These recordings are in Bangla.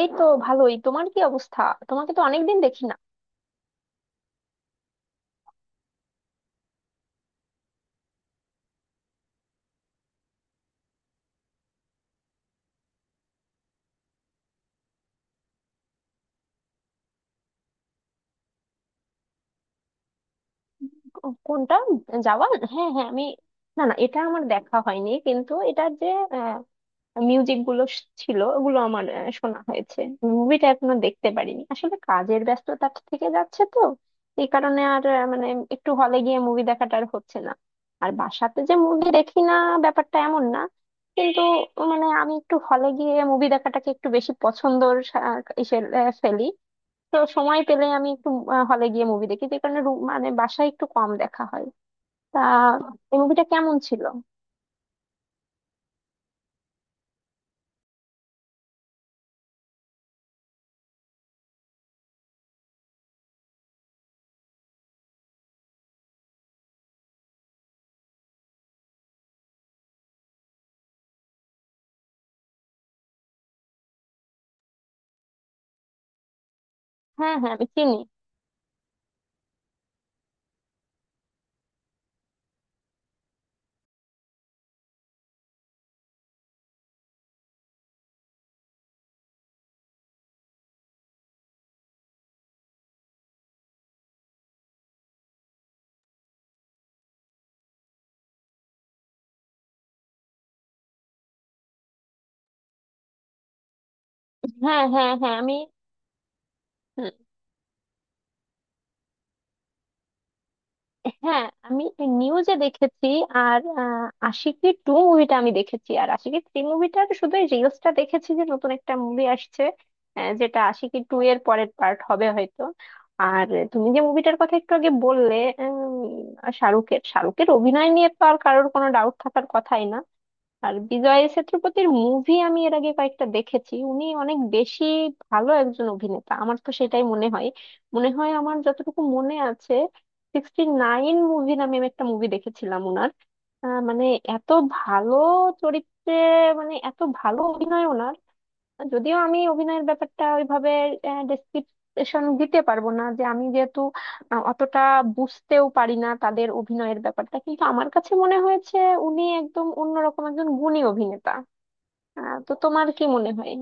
এই তো ভালোই। তোমার কি অবস্থা? তোমাকে তো অনেকদিন দেখি না। কোনটা? যাওয়ান? হ্যাঁ হ্যাঁ আমি... না না, এটা আমার দেখা হয়নি, কিন্তু এটার যে মিউজিক গুলো ছিল ওগুলো আমার শোনা হয়েছে। মুভিটা এখনো দেখতে পারিনি। আসলে কাজের ব্যস্ততা থেকে যাচ্ছে তো, এই কারণে আর মানে একটু হলে গিয়ে মুভি দেখাটা আর হচ্ছে না। আর বাসাতে যে মুভি দেখি না, ব্যাপারটা এমন না। কিন্তু মানে আমি একটু হলে গিয়ে মুভি দেখাটাকে একটু বেশি পছন্দর ইসে ফেলি। তো সময় পেলে আমি একটু হলে গিয়ে মুভি দেখি, যে কারণে মানে বাসায় একটু কম দেখা হয়। তা, এই মুভিটা কেমন ছিল? হ্যাঁ হ্যাঁ আমি চিনি। হ্যাঁ হ্যাঁ হ্যাঁ আমি... হুম। হ্যাঁ, আমি নিউজে দেখেছি। আর আশিকি টু মুভিটা আমি দেখেছি, আর আশিকি থ্রি মুভিটার শুধু এই রিলসটা দেখেছি, যে নতুন একটা মুভি আসছে, যেটা আশিকি টু এর পরের পার্ট হবে হয়তো। আর তুমি যে মুভিটার কথা একটু আগে বললে, উম, শাহরুখের শাহরুখের অভিনয় নিয়ে তো আর কারোর কোনো ডাউট থাকার কথাই না। আর বিজয় সেতুপতির মুভি আমি এর আগে কয়েকটা দেখেছি, উনি অনেক বেশি ভালো একজন অভিনেতা, আমার তো সেটাই মনে হয়। আমার যতটুকু মনে আছে, সিক্সটি নাইন মুভি নামে আমি একটা মুভি দেখেছিলাম ওনার। মানে এত ভালো চরিত্রে, মানে এত ভালো অভিনয় ওনার। যদিও আমি অভিনয়ের ব্যাপারটা ওইভাবে ডেসক্রিপশন দিতে পারবো না, যে আমি যেহেতু অতটা বুঝতেও পারি না তাদের অভিনয়ের ব্যাপারটা, কিন্তু আমার কাছে মনে হয়েছে উনি একদম অন্যরকম একজন গুণী অভিনেতা। তো তোমার কি মনে হয়?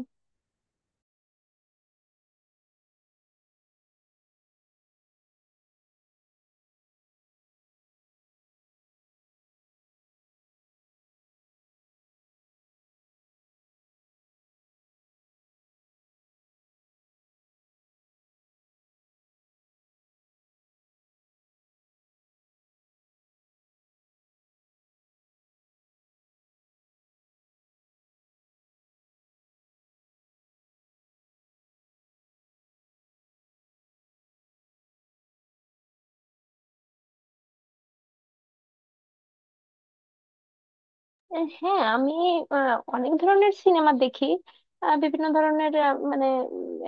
হ্যাঁ আমি অনেক ধরনের সিনেমা দেখি। বিভিন্ন ধরনের মানে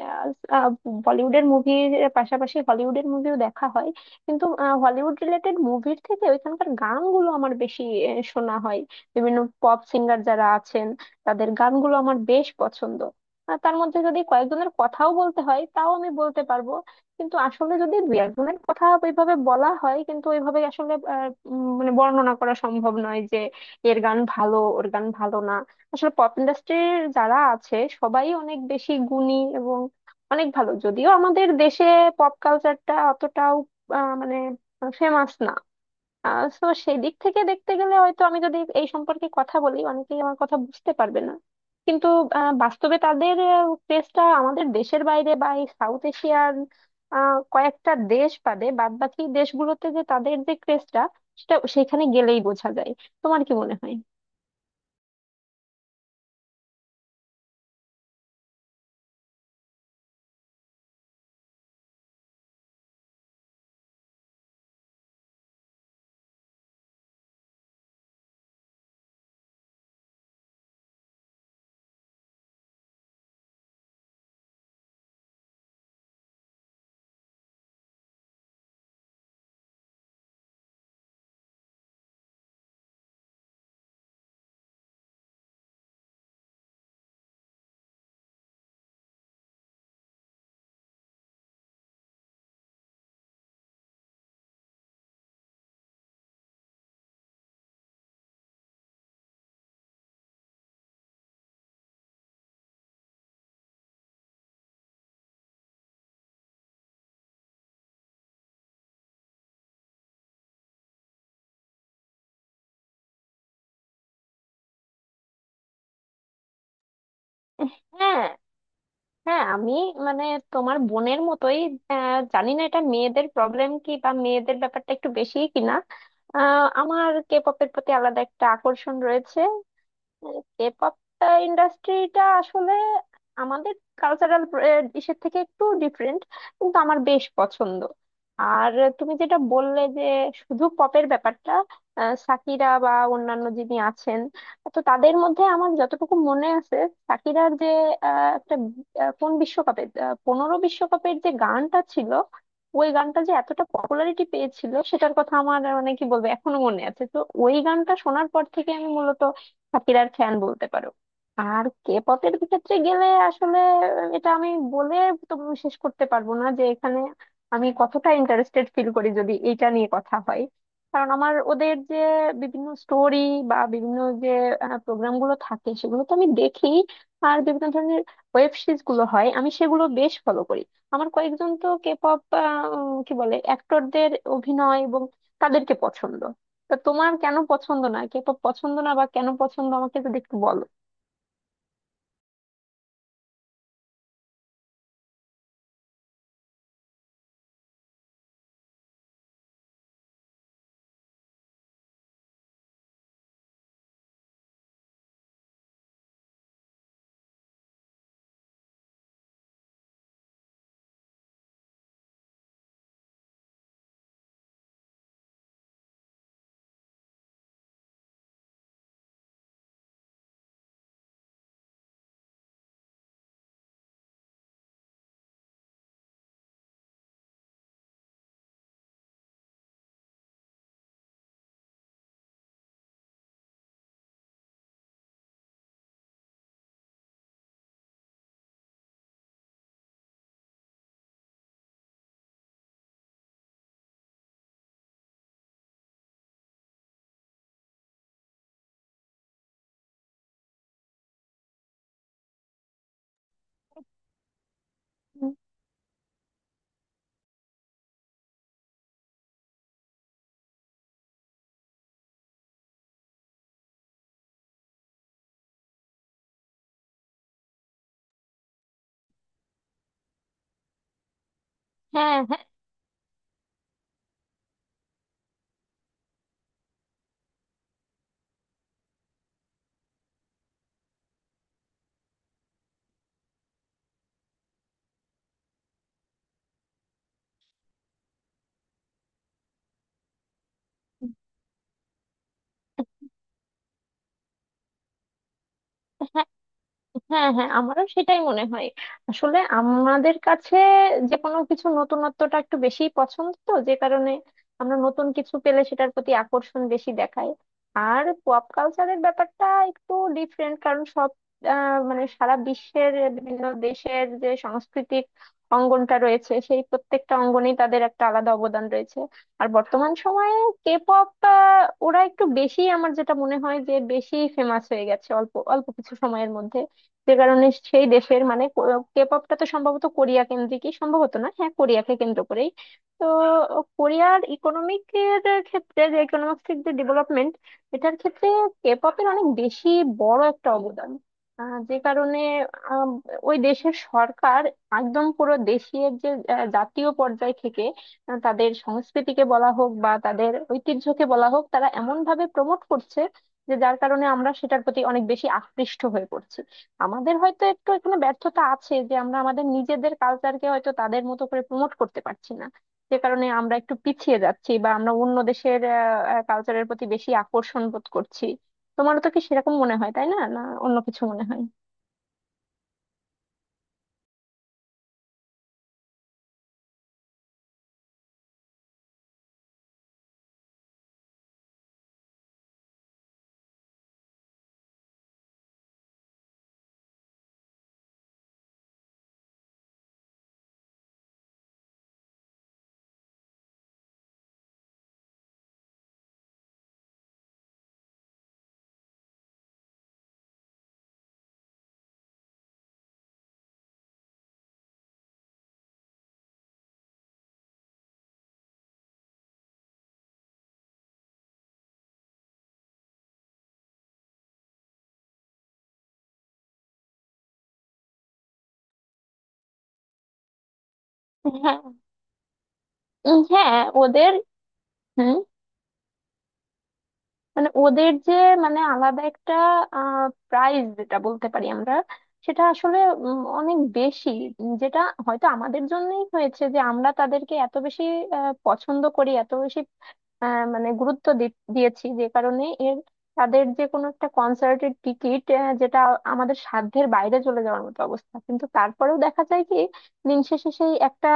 আহ, আহ, বলিউডের মুভির পাশাপাশি হলিউডের মুভিও দেখা হয়। কিন্তু হলিউড রিলেটেড মুভির থেকে ওইখানকার গানগুলো আমার বেশি শোনা হয়। বিভিন্ন পপ সিঙ্গার যারা আছেন তাদের গানগুলো আমার বেশ পছন্দ। আর তার মধ্যে যদি কয়েকজনের কথাও বলতে হয়, তাও আমি বলতে পারবো। কিন্তু আসলে যদি দুই একজনের কথা ওইভাবে বলা হয়, কিন্তু ওইভাবে আসলে মানে বর্ণনা করা সম্ভব নয়, যে এর গান ভালো, ওর গান ভালো না। আসলে পপ ইন্ডাস্ট্রির যারা আছে সবাই অনেক বেশি গুণী এবং অনেক ভালো। যদিও আমাদের দেশে পপ কালচারটা অতটাও মানে ফেমাস না। তো সেই দিক থেকে দেখতে গেলে হয়তো আমি যদি এই সম্পর্কে কথা বলি, অনেকেই আমার কথা বুঝতে পারবে না। কিন্তু বাস্তবে তাদের ক্রেজটা আমাদের দেশের বাইরে বা এই সাউথ এশিয়ার কয়েকটা দেশ বাদে বাদ বাকি দেশগুলোতে যে তাদের যে ক্রেজটা, সেটা সেখানে গেলেই বোঝা যায়। তোমার কি মনে হয়? হ্যাঁ হ্যাঁ আমি, মানে তোমার বোনের মতোই। জানি না এটা মেয়েদের প্রবলেম কি, বা মেয়েদের ব্যাপারটা একটু বেশি কিনা। আমার কে পপের প্রতি আলাদা একটা আকর্ষণ রয়েছে। কেপপটা, ইন্ডাস্ট্রিটা আসলে আমাদের কালচারাল ইসের থেকে একটু ডিফারেন্ট, কিন্তু আমার বেশ পছন্দ। আর তুমি যেটা বললে যে শুধু পপের ব্যাপারটা, সাকিরা বা অন্যান্য যিনি আছেন, তো তাদের মধ্যে আমার যতটুকু মনে আছে, সাকিরার যে একটা কোন বিশ্বকাপে, 15 বিশ্বকাপের যে গানটা ছিল, ওই গানটা যে এতটা পপুলারিটি পেয়েছিল সেটার কথা আমার মানে কি বলবো, এখনো মনে আছে তো। ওই গানটা শোনার পর থেকে আমি মূলত শাকিরার ফ্যান বলতে পারো। আর কে পতের ক্ষেত্রে গেলে আসলে এটা আমি বলে তো শেষ করতে পারবো না, যে এখানে আমি কতটা ইন্টারেস্টেড ফিল করি যদি এটা নিয়ে কথা হয়। কারণ আমার ওদের যে বিভিন্ন স্টোরি বা বিভিন্ন যে প্রোগ্রাম গুলো থাকে, সেগুলো তো আমি দেখি। আর বিভিন্ন ধরনের ওয়েব সিরিজ গুলো হয়, আমি সেগুলো বেশ ফলো করি। আমার কয়েকজন তো কে পপ, কি বলে, অ্যাক্টরদের অভিনয় এবং তাদেরকে পছন্দ। তা তোমার কেন পছন্দ না, কে পছন্দ না বা কেন পছন্দ আমাকে যদি একটু বলো? উম, হ্যাঁ হ্যাঁ হ্যাঁ হ্যাঁ, আমারও সেটাই মনে হয়। আসলে আমাদের কাছে যে কোনো কিছু নতুনত্বটা একটু বেশি পছন্দ, তো যে কারণে আমরা নতুন কিছু পেলে সেটার প্রতি আকর্ষণ বেশি দেখায়। আর পপ কালচারের ব্যাপারটা একটু ডিফারেন্ট, কারণ সব মানে সারা বিশ্বের বিভিন্ন দেশের যে সাংস্কৃতিক অঙ্গনটা রয়েছে, সেই প্রত্যেকটা অঙ্গনেই তাদের একটা আলাদা অবদান রয়েছে। আর বর্তমান সময়ে কে পপ, ওরা একটু বেশি, আমার যেটা মনে হয় যে বেশি ফেমাস হয়ে গেছে অল্প অল্প কিছু সময়ের মধ্যে, যে কারণে সেই দেশের, মানে কে পপটা তো সম্ভবত কোরিয়া কেন্দ্রিকই, সম্ভবত না, হ্যাঁ কোরিয়াকে কেন্দ্র করেই। তো কোরিয়ার ইকোনমিকের ক্ষেত্রে, যে ইকোনমিক্সের যে ডেভেলপমেন্ট, এটার ক্ষেত্রে কে পপের অনেক বেশি বড় একটা অবদান। যে কারণে আম, ওই দেশের সরকার একদম পুরো দেশের যে জাতীয় পর্যায় থেকে তাদের সংস্কৃতিকে বলা হোক বা তাদের ঐতিহ্যকে বলা হোক, তারা এমন ভাবে প্রমোট করছে যে যার কারণে আমরা সেটার প্রতি অনেক বেশি আকৃষ্ট হয়ে পড়ছি। আমাদের হয়তো একটু এখানে ব্যর্থতা আছে, যে আমরা আমাদের নিজেদের কালচারকে হয়তো তাদের মতো করে প্রমোট করতে পারছি না, যে কারণে আমরা একটু পিছিয়ে যাচ্ছি বা আমরা অন্য দেশের কালচারের প্রতি বেশি আকর্ষণ বোধ করছি। তোমারও তো কি সেরকম মনে হয়, তাই না? না, অন্য কিছু মনে হয়? হ্যাঁ। হ্যাঁ ওদের... হুম মানে ওদের যে, মানে আলাদা একটা প্রাইস, যেটা বলতে পারি আমরা, সেটা আসলে অনেক বেশি। যেটা হয়তো আমাদের জন্যই হয়েছে, যে আমরা তাদেরকে এত বেশি পছন্দ করি, এত বেশি মানে গুরুত্ব দিয়েছি, যে কারণে এর তাদের যে কোনো একটা কনসার্টের টিকিট, যেটা আমাদের সাধ্যের বাইরে চলে যাওয়ার মতো অবস্থা, কিন্তু তারপরেও দেখা যায় কি, দিন শেষে সেই একটা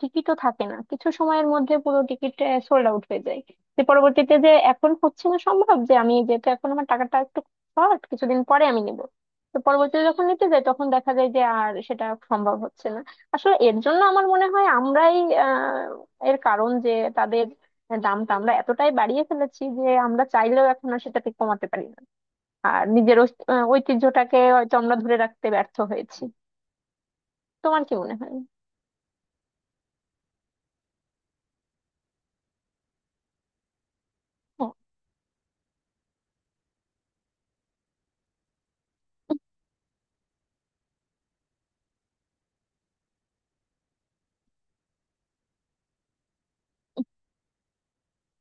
টিকিটও থাকে না, কিছু সময়ের মধ্যে পুরো টিকিট সোল্ড আউট হয়ে যায়। যে পরবর্তীতে যে এখন হচ্ছে না সম্ভব, যে আমি যেহেতু এখন আমার টাকাটা একটু শর্ট, কিছুদিন পরে আমি নিব, তো পরবর্তীতে যখন নিতে যাই, তখন দেখা যায় যে আর সেটা সম্ভব হচ্ছে না। আসলে এর জন্য আমার মনে হয় আমরাই এর কারণ, যে তাদের দামটা আমরা এতটাই বাড়িয়ে ফেলেছি যে আমরা চাইলেও এখন আর সেটাকে কমাতে পারি না। আর নিজের ঐতিহ্যটাকে হয়তো আমরা ধরে রাখতে ব্যর্থ হয়েছি। তোমার কি মনে হয়? হ্যাঁ।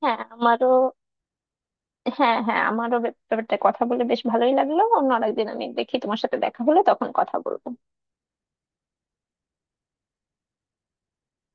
হ্যাঁ, আমারও। হ্যাঁ হ্যাঁ আমারও ব্যাপারটা কথা বলে বেশ ভালোই লাগলো। অন্য আরেকদিন আমি দেখি, তোমার সাথে দেখা হলে তখন কথা বলবো।